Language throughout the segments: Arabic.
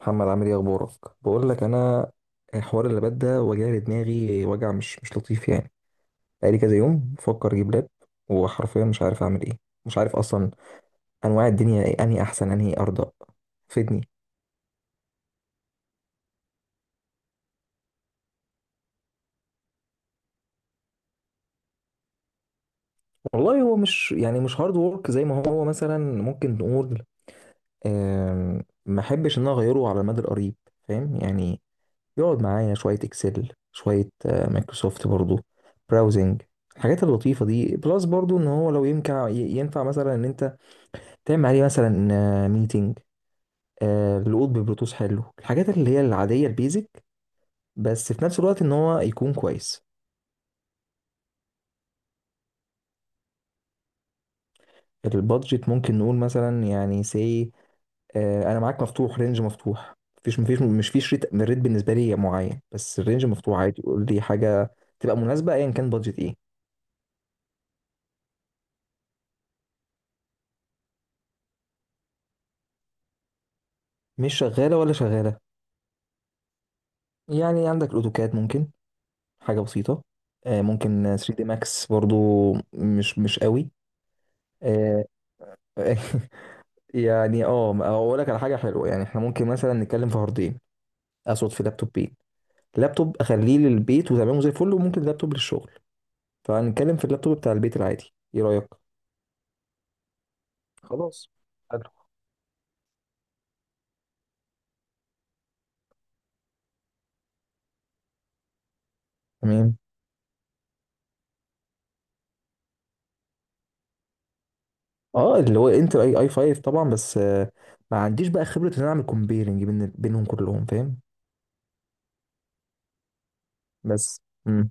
محمد، عامل ايه؟ اخبارك؟ بقول لك انا، الحوار اللي بدا وجع دماغي، وجع مش لطيف يعني. بقالي كذا يوم بفكر اجيب لاب، وحرفيا مش عارف اعمل ايه. مش عارف اصلا انواع الدنيا ايه، انهي احسن، انهي ارضى. فدني. والله هو مش يعني، مش هارد وورك زي ما هو مثلا ممكن نقول. ما احبش ان انا اغيره على المدى القريب، فاهم يعني. يقعد معايا شويه اكسل، شويه مايكروسوفت برضو، براوزنج، الحاجات اللطيفه دي. بلس برضو ان هو لو ينفع، ينفع مثلا ان انت تعمل عليه مثلا ميتنج، القط ببلوتوث، حلو. الحاجات اللي هي العادية، البيزك، بس في نفس الوقت ان هو يكون كويس. البادجت ممكن نقول مثلا يعني سي، انا معاك مفتوح، رينج مفتوح. مفيش مفيش مش فيش ريت. الريت بالنسبة لي معين بس الرينج مفتوح عادي. قول لي حاجة تبقى مناسبة ايا كان بادجت ايه. مش شغالة ولا شغالة؟ يعني عندك الاوتوكاد ممكن، حاجة بسيطة. ممكن 3 دي ماكس برضو. مش قوي. آه، يعني اقول لك على حاجه حلوه. يعني احنا ممكن مثلا نتكلم في هاردين، اقصد في لابتوبين. لابتوب اخليه للبيت وتمام زي الفل، وممكن لابتوب للشغل. فهنتكلم في اللابتوب بتاع البيت العادي، ايه رايك؟ خلاص. حلو. تمام. اه، اللي هو انتل اي 5 طبعا، بس ما عنديش بقى خبره ان انا اعمل كومبيرنج بينهم كلهم، فاهم. بس. امم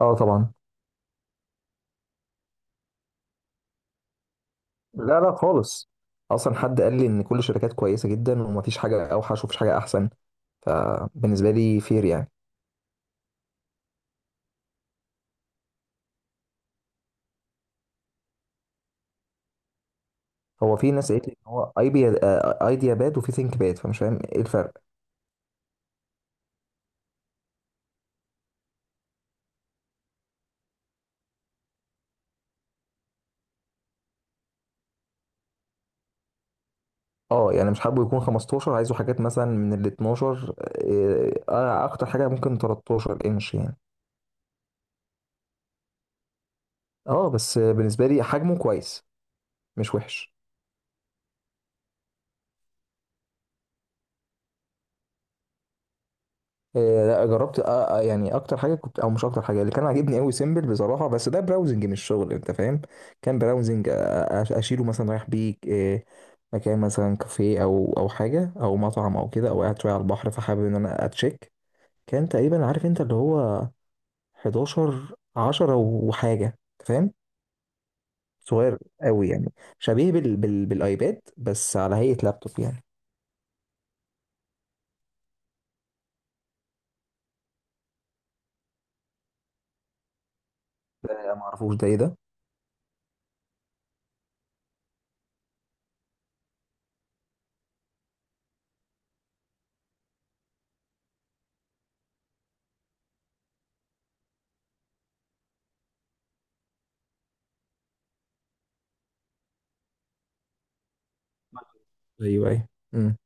اه، طبعا. لا، لا، خالص. اصلا حد قال لي ان كل الشركات كويسه جدا، ومفيش حاجه اوحش ومفيش حاجه احسن. فبالنسبه لي فير يعني. هو في ناس قالت لي ان هو ايديا باد، وفي ثينك باد، فمش فاهم ايه الفرق. اه، يعني مش حابه يكون 15، عايزه حاجات مثلا من ال 12، اكتر حاجه ممكن 13 انش يعني. اه بس بالنسبه لي حجمه كويس، مش وحش. لا، جربت. يعني، اكتر حاجه كنت او مش اكتر حاجه اللي كان عاجبني قوي سيمبل بصراحه، بس ده براوزنج مش شغل، انت فاهم. كان براوزنج. اشيله مثلا، رايح بيه مكان، مثلا كافيه او حاجه، او مطعم، او كده، او قاعد شويه على البحر، فحابب ان انا اتشيك. كان تقريبا، عارف انت اللي هو 11 10 وحاجه. أنت فاهم. صغير قوي يعني. شبيه بالايباد، بس على هيئه لابتوب يعني. ده ما اعرفوش ده، ايه ده؟ ايوه، ايوه. امم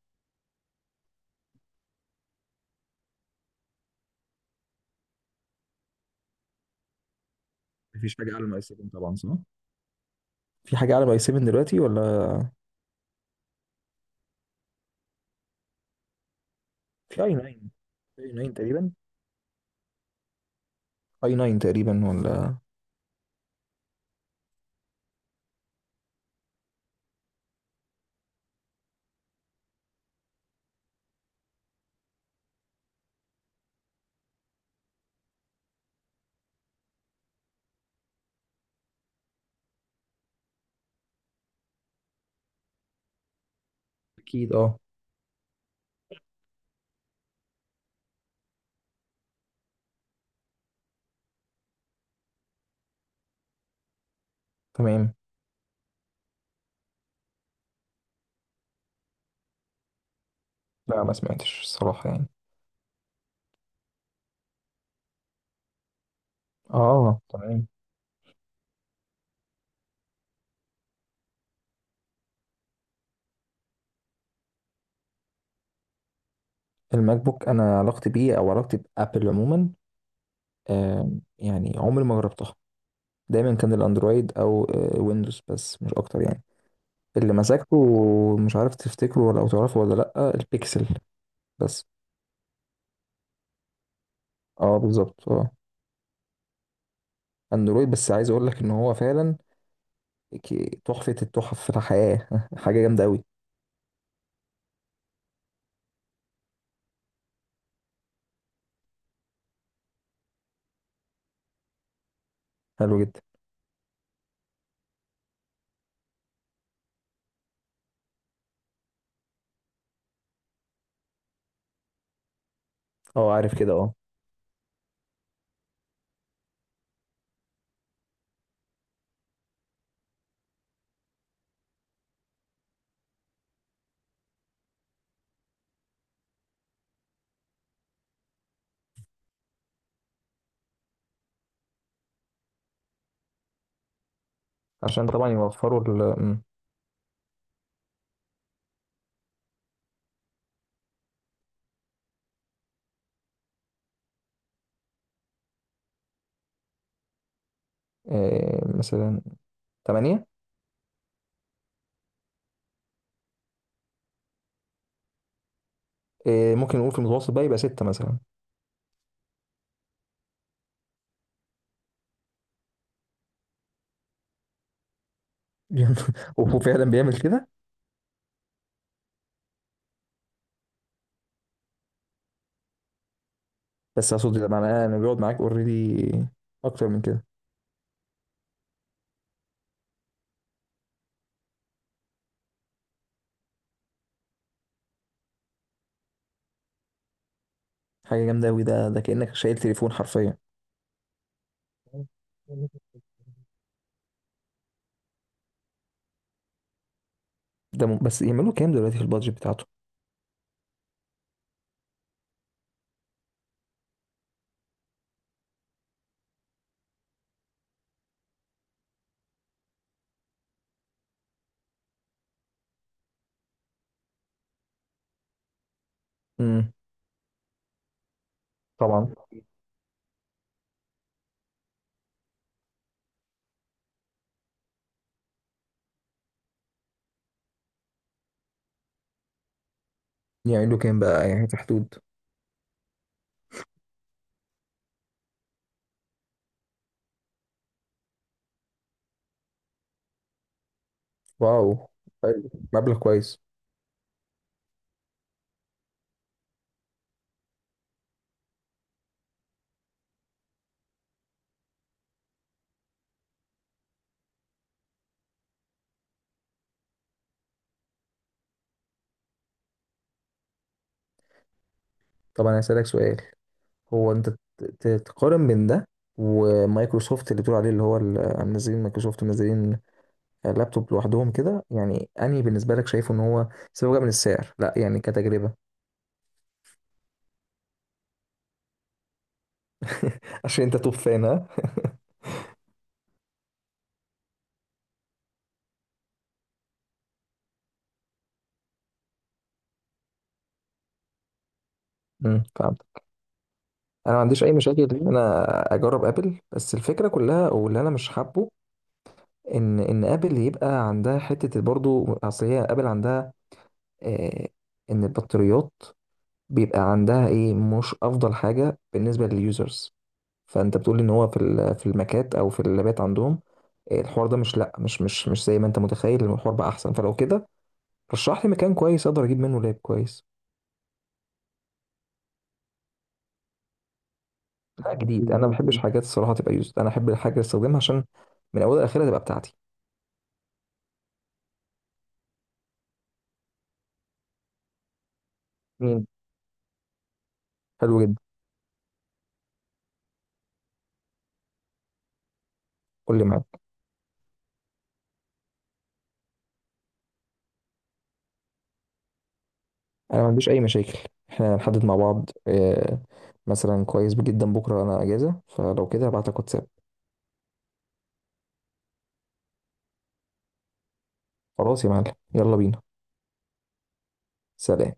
مفيش حاجه اعلى من اي 7 طبعا، صح؟ في حاجه اعلى من اي 7 دلوقتي ولا؟ في اي 9، اي 9 تقريبا. اي 9 تقريبا ولا؟ اكيد، اه. تمام. لا ما سمعتش الصراحه يعني. اه، تمام. الماك بوك، انا علاقتي بيه او علاقتي بابل عموما، آه، يعني عمري ما جربتها. دايما كان الاندرويد او ويندوز بس، مش اكتر يعني. اللي مسكته، مش عارف تفتكره ولا او تعرفه ولا، لا، البيكسل. بس. اه، بالظبط، اه. اندرويد، بس عايز اقول لك ان هو فعلا تحفة التحف في الحياة. حاجة جامدة قوي. حلو جدا. اه، عارف كده، اه. عشان طبعا يوفروا ال م- مثلا 8. ممكن نقول في المتوسط بقى يبقى 6 مثلا. وهو فعلا بيعمل كده. بس اقصد لما انا بيقعد معاك اوريدي اكتر من كده. حاجه جامده قوي. ده كانك شايل تليفون حرفيا. بس يعملوا كام دلوقتي في البادجت بتاعته؟ امم طبعا. يعملوا كام بقى، يعني في حدود؟ واو، حلو. مبلغ كويس. طبعا. انا هسألك سؤال. هو انت تقارن بين ده ومايكروسوفت اللي بتقول عليه، اللي هو منزلين، مايكروسوفت منزلين لابتوب لوحدهم كده. يعني انهي بالنسبه لك، شايفه ان هو سواء بقى من السعر؟ لا يعني كتجربه. عشان انت توب فان، ها. امم انا ما عنديش اي مشاكل ان انا اجرب ابل، بس الفكره كلها واللي انا مش حابه ان ان ابل يبقى عندها حته برضو، اصل هي ابل عندها آه، ان البطاريات بيبقى عندها ايه مش افضل حاجه بالنسبه لليوزرز. فانت بتقول ان هو في الماكات او في اللابات عندهم آه، الحوار ده مش، لا، مش زي ما انت متخيل، الحوار بقى احسن. فلو كده، رشح لي مكان كويس اقدر اجيب منه لاب كويس. لا، جديد. انا ما بحبش حاجات الصراحه تبقى يوزد، انا احب الحاجه اللي استخدمها عشان من اولها لاخرها تبقى بتاعتي. حلو جدا. قول لي، معاك. انا ما عنديش اي مشاكل، احنا هنحدد مع بعض. مثلا كويس جدا، بكره انا اجازه، فلو كده هبعت لك واتساب. خلاص يا معلم، يلا بينا. سلام.